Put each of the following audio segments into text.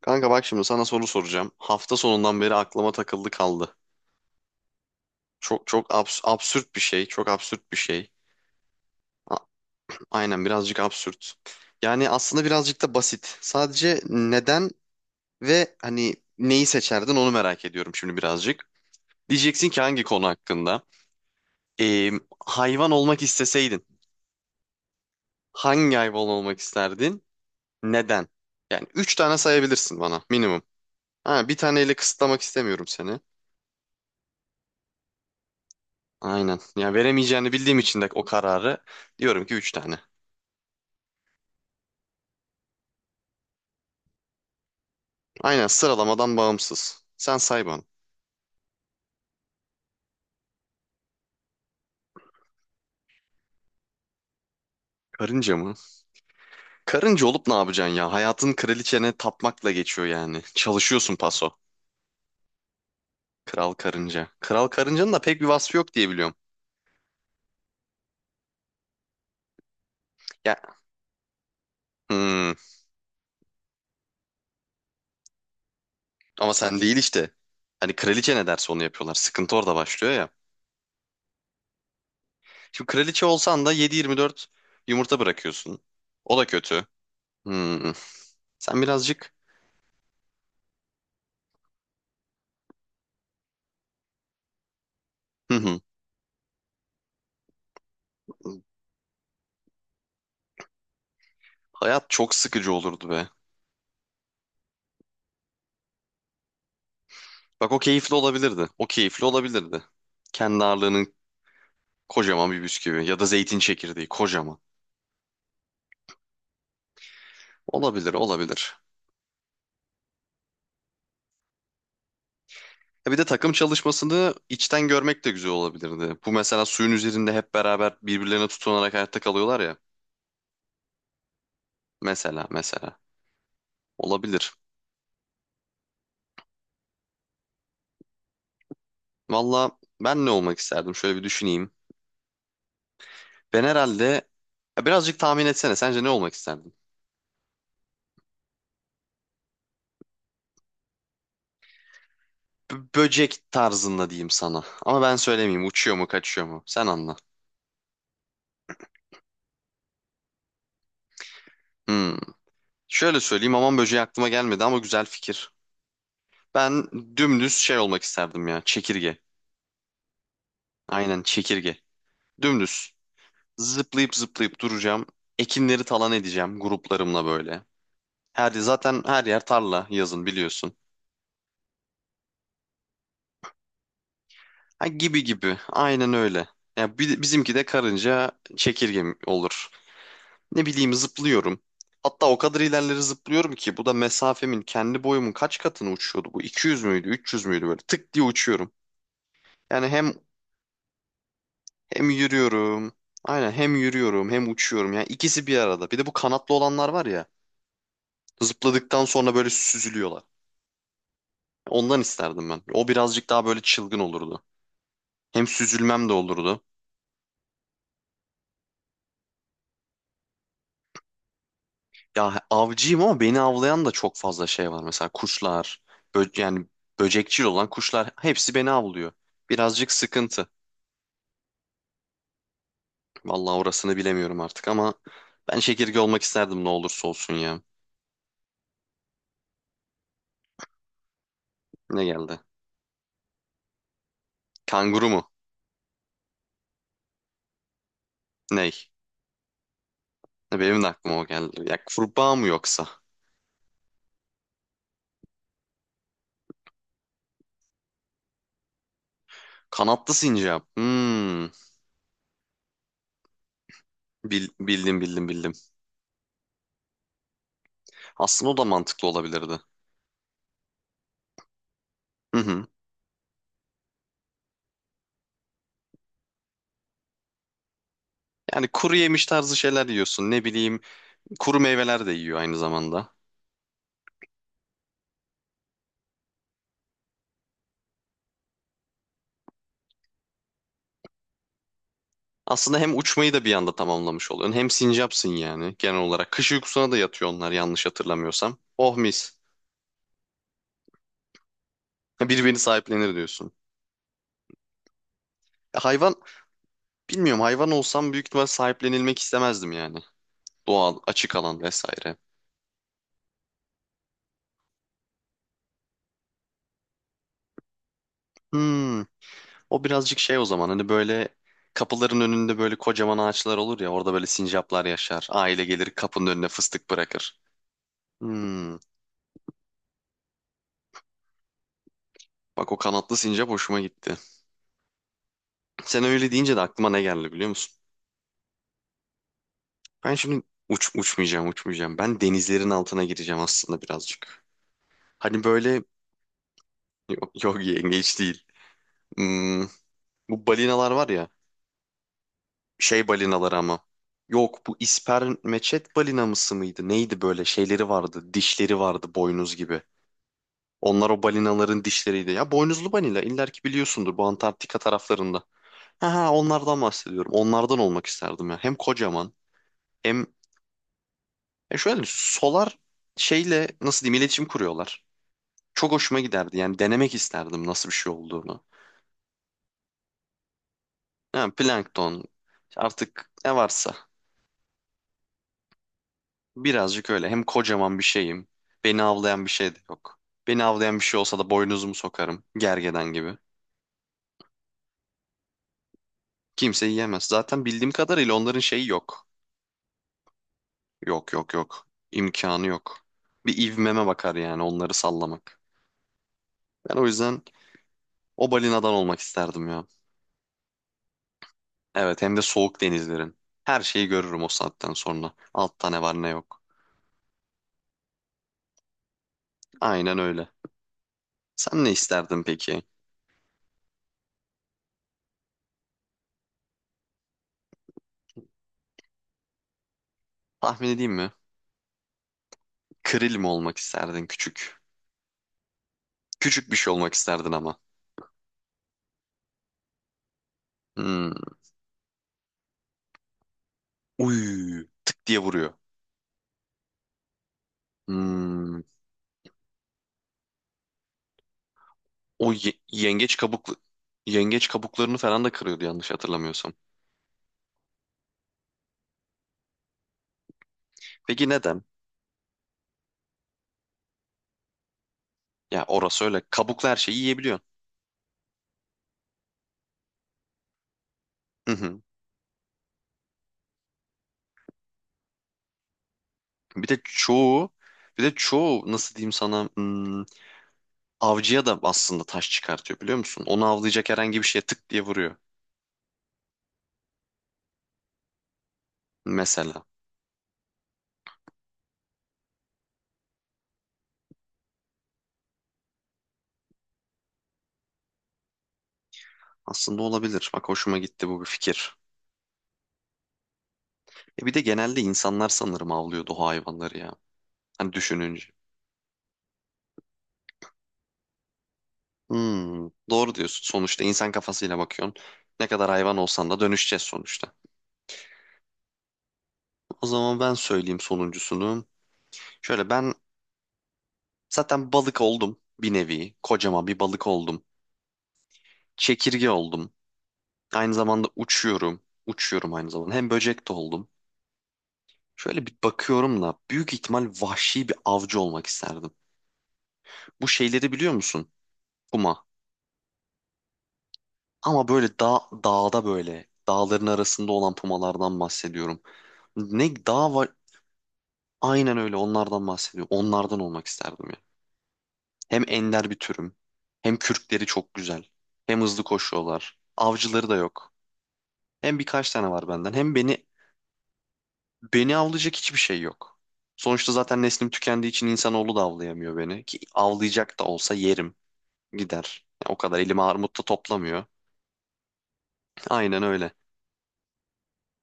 Kanka bak şimdi sana soru soracağım. Hafta sonundan beri aklıma takıldı kaldı. Çok çok absürt bir şey. Çok absürt bir şey. A- Aynen birazcık absürt. Yani aslında birazcık da basit. Sadece neden ve hani neyi seçerdin onu merak ediyorum şimdi birazcık. Diyeceksin ki hangi konu hakkında? Ee, Hayvan olmak isteseydin hangi hayvan olmak isterdin? Neden? Yani üç tane sayabilirsin bana minimum. Ha, bir taneyle kısıtlamak istemiyorum seni. Aynen. Ya veremeyeceğini bildiğim için de o kararı diyorum ki 3 tane. Aynen sıralamadan bağımsız. Sen say bana. Karınca mı? Karınca olup ne yapacaksın ya? Hayatın kraliçene tapmakla geçiyor yani. Çalışıyorsun paso. Kral karınca. Kral karıncanın da pek bir vasfı yok diye biliyorum. Ya hmm, ama sen değil işte. Hani kraliçe ne derse onu yapıyorlar. Sıkıntı orada başlıyor ya. Şimdi kraliçe olsan da 7/24 yumurta bırakıyorsun. O da kötü. Hmm. Sen birazcık. Hı hı. Hayat çok sıkıcı olurdu be. Bak o keyifli olabilirdi. O keyifli olabilirdi. Kendi ağırlığının kocaman bir bisküvi ya da zeytin çekirdeği kocaman. Olabilir, olabilir. Ya bir de takım çalışmasını içten görmek de güzel olabilirdi. Bu mesela suyun üzerinde hep beraber birbirlerine tutunarak hayatta kalıyorlar ya. Mesela, mesela. Olabilir. Valla ben ne olmak isterdim? Şöyle bir düşüneyim. Ben herhalde. Ya birazcık tahmin etsene. Sence ne olmak isterdin? Böcek tarzında diyeyim sana. Ama ben söylemeyeyim. Uçuyor mu, kaçıyor mu? Sen anla. Hmm. Şöyle söyleyeyim aman böceği aklıma gelmedi ama güzel fikir. Ben dümdüz şey olmak isterdim ya çekirge. Aynen çekirge. Dümdüz. Zıplayıp zıplayıp duracağım. Ekinleri talan edeceğim gruplarımla böyle. Her zaten her yer tarla yazın biliyorsun. Ha, gibi gibi. Aynen öyle. Ya bizimki de karınca çekirge olur. Ne bileyim zıplıyorum. Hatta o kadar ilerleri zıplıyorum ki bu da mesafemin kendi boyumun kaç katını uçuyordu bu? 200 müydü, 300 müydü böyle tık diye uçuyorum. Yani hem. Hem yürüyorum. Aynen hem yürüyorum hem uçuyorum. Yani ikisi bir arada. Bir de bu kanatlı olanlar var ya. Zıpladıktan sonra böyle süzülüyorlar. Ondan isterdim ben. O birazcık daha böyle çılgın olurdu. Hem süzülmem de olurdu. Ya avcıyım ama beni avlayan da çok fazla şey var. Mesela kuşlar, yani böcekçil olan kuşlar hepsi beni avlıyor. Birazcık sıkıntı. Vallahi orasını bilemiyorum artık ama ben çekirge olmak isterdim ne olursa olsun ya. Ne geldi? Kanguru mu? Ney? Ya benim de aklıma o geldi. Ya kurbağa mı yoksa? Kanatlı sincap. Hmm. Bildim bildim bildim. Aslında o da mantıklı olabilirdi. Hı hı. Yani kuru yemiş tarzı şeyler yiyorsun. Ne bileyim kuru meyveler de yiyor aynı zamanda. Aslında hem uçmayı da bir anda tamamlamış oluyorsun. Hem sincapsın yani genel olarak. Kış uykusuna da yatıyor onlar yanlış hatırlamıyorsam. Oh mis. Birbirini sahiplenir diyorsun. Ya hayvan bilmiyorum hayvan olsam büyük ihtimal sahiplenilmek istemezdim yani. Doğal, açık alan vesaire. Hmm. O birazcık şey o zaman hani böyle kapıların önünde böyle kocaman ağaçlar olur ya orada böyle sincaplar yaşar. Aile gelir kapının önüne fıstık bırakır. Hmm, bak o kanatlı sincap hoşuma gitti. Sen öyle deyince de aklıma ne geldi biliyor musun? Ben şimdi uçmayacağım uçmayacağım. Ben denizlerin altına gireceğim aslında birazcık. Hani böyle yok, yok yengeç değil. Hmm, bu balinalar var ya şey balinaları ama. Yok bu ispermeçet balinamısı mıydı? Neydi böyle şeyleri vardı dişleri vardı boynuz gibi. Onlar o balinaların dişleriydi. Ya boynuzlu balina iller ki biliyorsundur bu Antarktika taraflarında. Ha ha onlardan bahsediyorum. Onlardan olmak isterdim ya. Hem kocaman hem şöyle solar şeyle nasıl diyeyim iletişim kuruyorlar. Çok hoşuma giderdi. Yani denemek isterdim nasıl bir şey olduğunu. Yani plankton işte artık ne varsa birazcık öyle. Hem kocaman bir şeyim. Beni avlayan bir şey de yok. Beni avlayan bir şey olsa da boynuzumu sokarım. Gergedan gibi. Kimse yiyemez. Zaten bildiğim kadarıyla onların şeyi yok. Yok yok yok. İmkanı yok. Bir ivmeme bakar yani onları sallamak. Ben o yüzden o balinadan olmak isterdim ya. Evet hem de soğuk denizlerin. Her şeyi görürüm o saatten sonra. Altta ne var ne yok. Aynen öyle. Sen ne isterdin peki? Tahmin edeyim mi? Kril mi olmak isterdin küçük? Küçük bir şey olmak isterdin ama. Hmm. Uy, tık diye vuruyor. Hmm. O yengeç kabuklu yengeç kabuklarını falan da kırıyordu yanlış hatırlamıyorsam. Peki neden? Ya orası öyle. Kabuklu her şeyi yiyebiliyorsun. Hı hı. Bir de çoğu bir de çoğu nasıl diyeyim sana, avcıya da aslında taş çıkartıyor biliyor musun? Onu avlayacak herhangi bir şeye tık diye vuruyor mesela. Aslında olabilir. Bak hoşuma gitti bu bir fikir. E bir de genelde insanlar sanırım avlıyordu o hayvanları ya. Hani düşününce. Doğru diyorsun. Sonuçta insan kafasıyla bakıyorsun. Ne kadar hayvan olsan da dönüşeceğiz sonuçta. O zaman ben söyleyeyim sonuncusunu. Şöyle ben zaten balık oldum bir nevi. Kocaman bir balık oldum. Çekirge oldum. Aynı zamanda uçuyorum. Uçuyorum aynı zamanda. Hem böcek de oldum. Şöyle bir bakıyorum da büyük ihtimal vahşi bir avcı olmak isterdim. Bu şeyleri biliyor musun? Puma. Ama böyle dağ, dağda böyle dağların arasında olan pumalardan bahsediyorum. Ne dağ var? Aynen öyle onlardan bahsediyorum. Onlardan olmak isterdim ya. Hem ender bir türüm. Hem kürkleri çok güzel. Hem hızlı koşuyorlar. Avcıları da yok. Hem birkaç tane var benden. Hem beni. Beni avlayacak hiçbir şey yok. Sonuçta zaten neslim tükendiği için insanoğlu da avlayamıyor beni. Ki avlayacak da olsa yerim. Gider. Ya o kadar elimi armut da toplamıyor. Aynen öyle.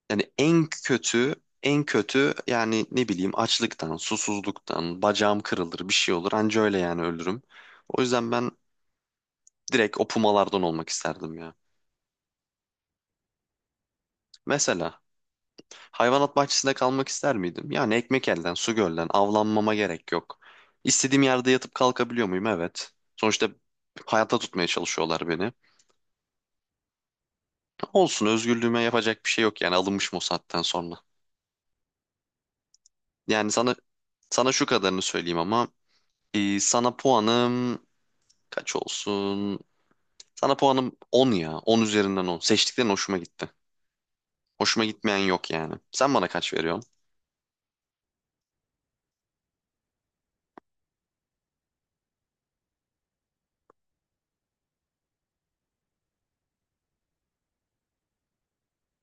Yani en kötü, en kötü yani ne bileyim açlıktan, susuzluktan, bacağım kırılır, bir şey olur. Anca öyle yani ölürüm. O yüzden ben direkt o pumalardan olmak isterdim ya. Mesela hayvanat bahçesinde kalmak ister miydim? Yani ekmek elden, su gölden, avlanmama gerek yok. İstediğim yerde yatıp kalkabiliyor muyum? Evet. Sonuçta hayatta tutmaya çalışıyorlar beni. Olsun, özgürlüğüme yapacak bir şey yok yani alınmışım o saatten sonra. Yani sana şu kadarını söyleyeyim ama sana puanım kaç olsun? Sana puanım 10 ya. 10 üzerinden 10. Seçtiklerin hoşuma gitti. Hoşuma gitmeyen yok yani. Sen bana kaç veriyorsun?